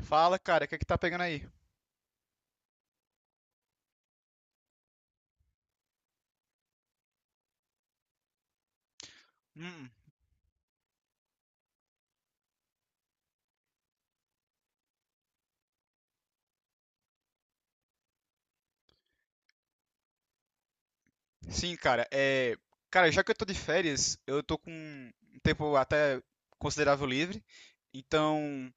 Fala, cara, o que é que tá pegando aí? Hum, sim, cara, é. Cara, já que eu tô de férias, eu tô com um tempo até considerável livre, então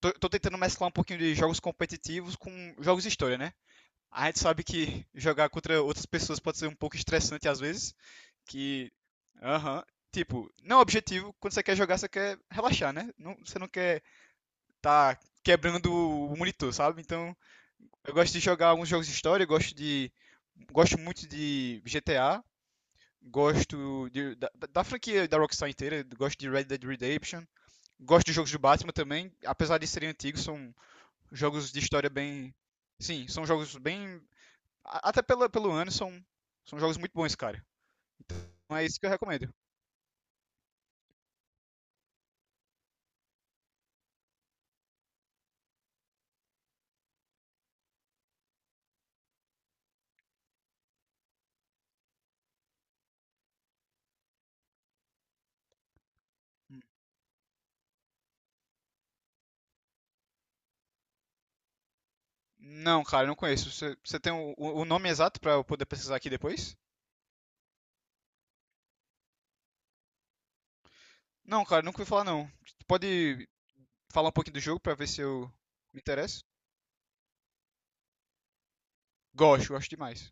tô tentando mesclar um pouquinho de jogos competitivos com jogos de história, né? A gente sabe que jogar contra outras pessoas pode ser um pouco estressante às vezes, que. Aham. Tipo, não é um objetivo, quando você quer jogar, você quer relaxar, né? Não, você não quer tá quebrando o monitor, sabe? Então. Eu gosto de jogar alguns jogos de história, eu gosto de. Gosto muito de GTA, gosto da franquia da Rockstar inteira, gosto de Red Dead Redemption, gosto de jogos do Batman também, apesar de serem antigos, são jogos de história bem. Sim, são jogos bem. Até pela, pelo ano, são jogos muito bons, cara. Não é isso que eu recomendo. Não, cara, não conheço. Você tem o, o nome exato pra eu poder pesquisar aqui depois? Não, cara, nunca ouvi falar não. Pode falar um pouquinho do jogo pra ver se eu me interesso? Gosto, gosto demais.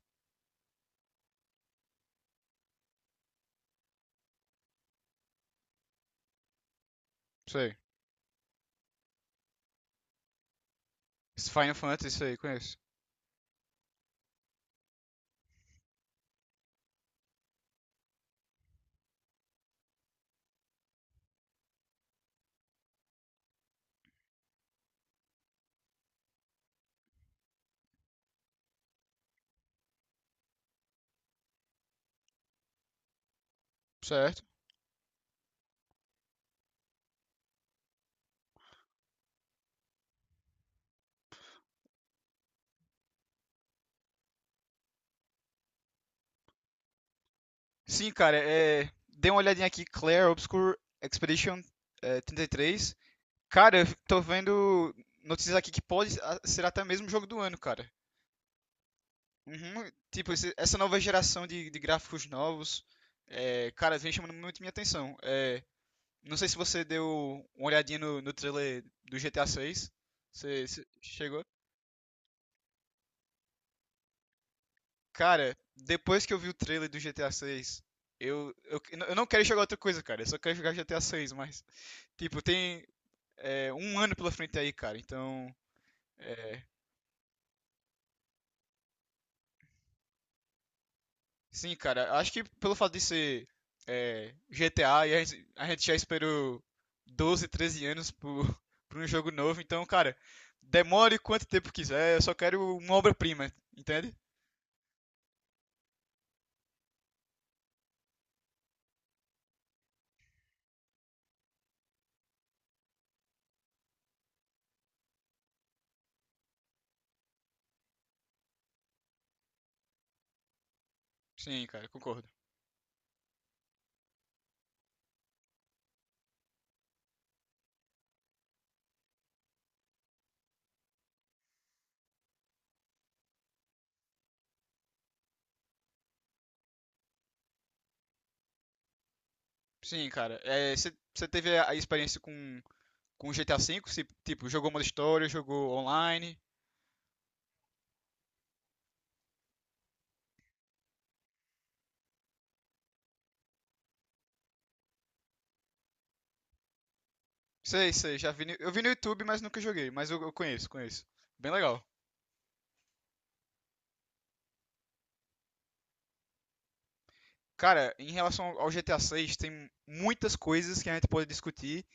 Sei. Esse Final Fantasy, isso aí, conheço. Certo. Sim, cara, dei uma olhadinha aqui, Claire Obscure Expedition 33. Cara, eu tô vendo notícias aqui que pode ser até mesmo o jogo do ano, cara. Uhum, tipo, essa nova geração de gráficos novos, cara, vem chamando muito minha atenção. É, não sei se você deu uma olhadinha no, no trailer do GTA 6. Você chegou? Cara, depois que eu vi o trailer do GTA 6, eu, eu, eu não quero jogar outra coisa, cara. Eu só quero jogar GTA 6, mas. Tipo, tem um ano pela frente aí, cara. Então. é, sim, cara. Acho que pelo fato de ser GTA, e a gente já esperou 12, 13 anos por, por um jogo novo. Então, cara, demore quanto tempo quiser. Eu só quero uma obra-prima, entende? Sim, cara, concordo. Sim, cara. Você teve a experiência com GTA V? Se, tipo, jogou modo história, jogou online? Sei, sei, já vi. Eu vi no YouTube, mas nunca joguei. Mas eu conheço, conheço. Bem legal. Cara, em relação ao GTA 6, tem muitas coisas que a gente pode discutir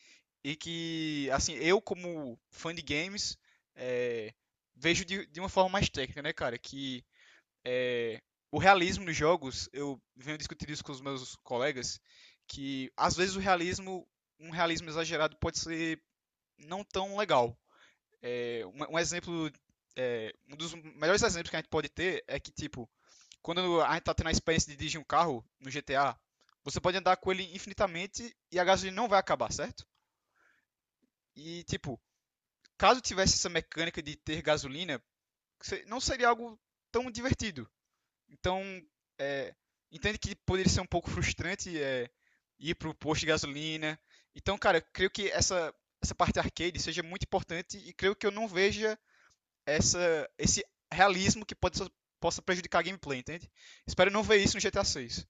e que, assim, eu como fã de games, eh, vejo de uma forma mais técnica, né, cara? Que eh, o realismo nos jogos, eu venho discutindo isso com os meus colegas, que às vezes o realismo, um realismo exagerado pode ser não tão legal. É, um exemplo, um dos melhores exemplos que a gente pode ter é que, tipo, quando a gente tá tendo a experiência de dirigir um carro no GTA, você pode andar com ele infinitamente e a gasolina não vai acabar, certo? E, tipo, caso tivesse essa mecânica de ter gasolina, não seria algo tão divertido. Então, é, entende que poderia ser um pouco frustrante ir pro posto de gasolina. Então, cara, eu creio que essa parte arcade seja muito importante e creio que eu não veja esse realismo que possa prejudicar a gameplay, entende? Espero não ver isso no GTA 6.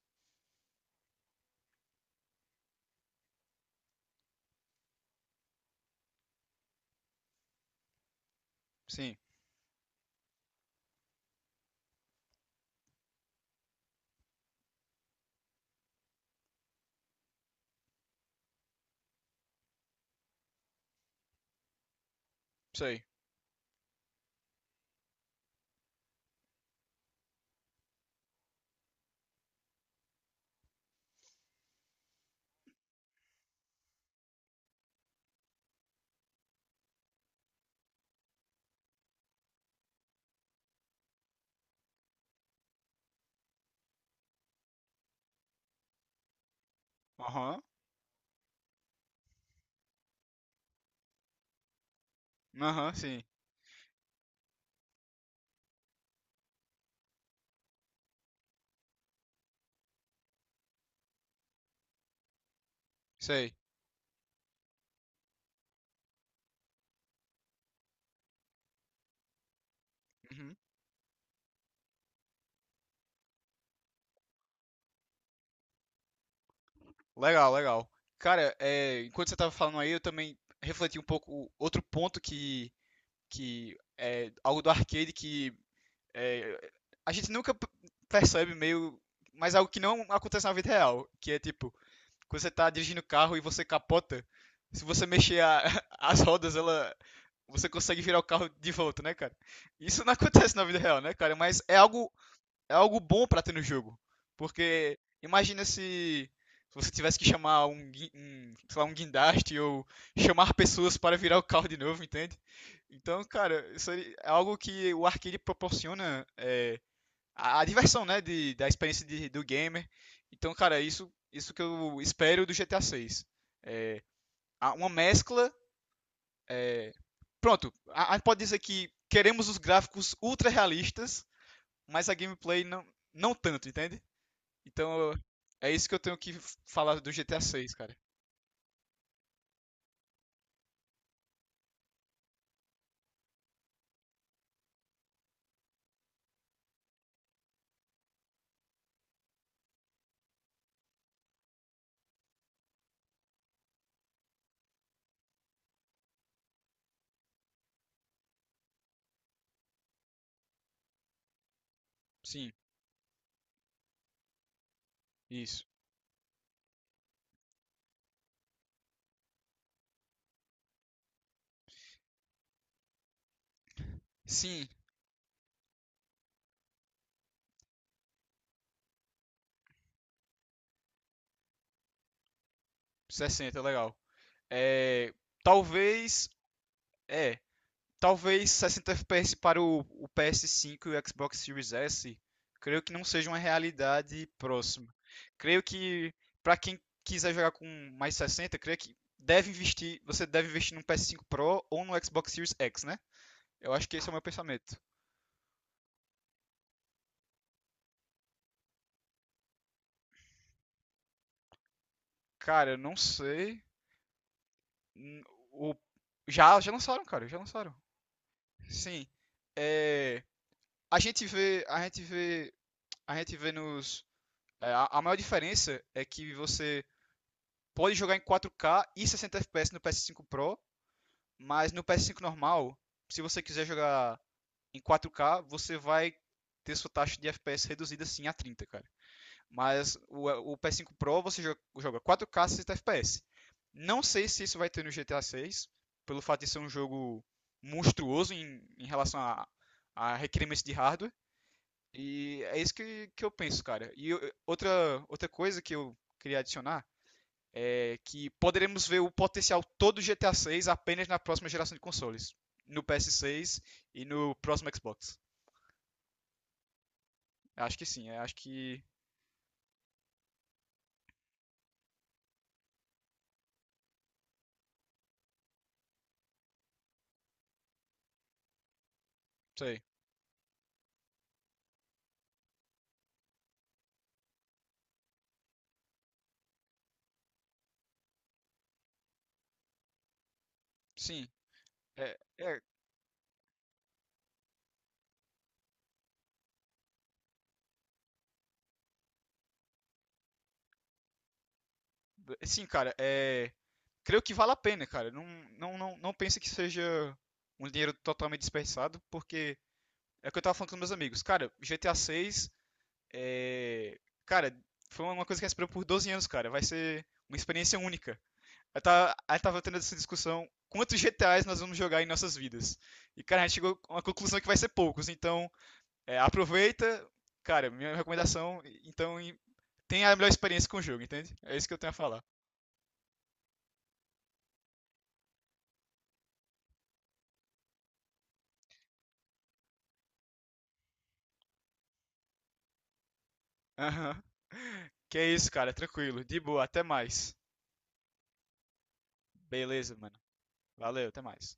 Sim, sei. Aham, aham, sim, sei. Uhum. Legal, legal. Cara, enquanto você tava falando aí, eu também refleti um pouco outro ponto que é algo do arcade que é, a gente nunca percebe meio, mas algo que não acontece na vida real, que é tipo, quando você tá dirigindo o carro e você capota, se você mexer as rodas, ela você consegue virar o carro de volta, né, cara? Isso não acontece na vida real, né, cara? Mas é algo bom pra ter no jogo, porque imagina se você tivesse que chamar um, um, sei lá, um guindaste ou chamar pessoas para virar o carro de novo, entende? Então, cara, isso aí é algo que o arcade proporciona a diversão, né, da experiência do gamer. Então, cara, isso que eu espero do GTA 6. Uma mescla. é, Pronto, a gente pode dizer que queremos os gráficos ultra realistas, mas a gameplay não, não tanto, entende? Então, é isso que eu tenho que falar do GTA 6, cara. Sim, isso. Sim, 60, legal. É, talvez. É, Talvez 60 FPS para o PS5 e o Xbox Series S, creio que não seja uma realidade próxima. Creio que para quem quiser jogar com mais 60, creio que deve investir, você deve investir no PS5 Pro ou no Xbox Series X, né? Eu acho que esse é o meu pensamento. Cara, eu não sei. O... já lançaram, cara, já lançaram. Sim. É, A gente vê, a gente vê, a gente vê a maior diferença é que você pode jogar em 4K e 60 FPS no PS5 Pro, mas no PS5 normal, se você quiser jogar em 4K, você vai ter sua taxa de FPS reduzida sim a 30, cara. Mas o PS5 Pro você joga 4K 60 FPS. Não sei se isso vai ter no GTA 6, pelo fato de ser um jogo monstruoso em relação a requerimentos de hardware. E é isso que eu penso, cara. E outra coisa que eu queria adicionar que poderemos ver o potencial todo do GTA 6 apenas na próxima geração de consoles, no PS6 e no próximo Xbox. Acho que sim, sei, sim, é, é, sim, cara, creio que vale a pena, cara. Não, não, não, não pense que seja um dinheiro totalmente desperdiçado, porque é o que eu tava falando com meus amigos. Cara, GTA 6 é. Cara, foi uma coisa que a gente esperou por 12 anos, cara. Vai ser uma experiência única. Aí tava tendo essa discussão, quantos GTAs nós vamos jogar em nossas vidas? E, cara, a gente chegou a uma conclusão que vai ser poucos. Então, aproveita. Cara, minha recomendação, então, tenha a melhor experiência com o jogo, entende? É isso que eu tenho a falar. Aham. Que é isso, cara. Tranquilo. De boa. Até mais. Beleza, mano. Valeu. Até mais.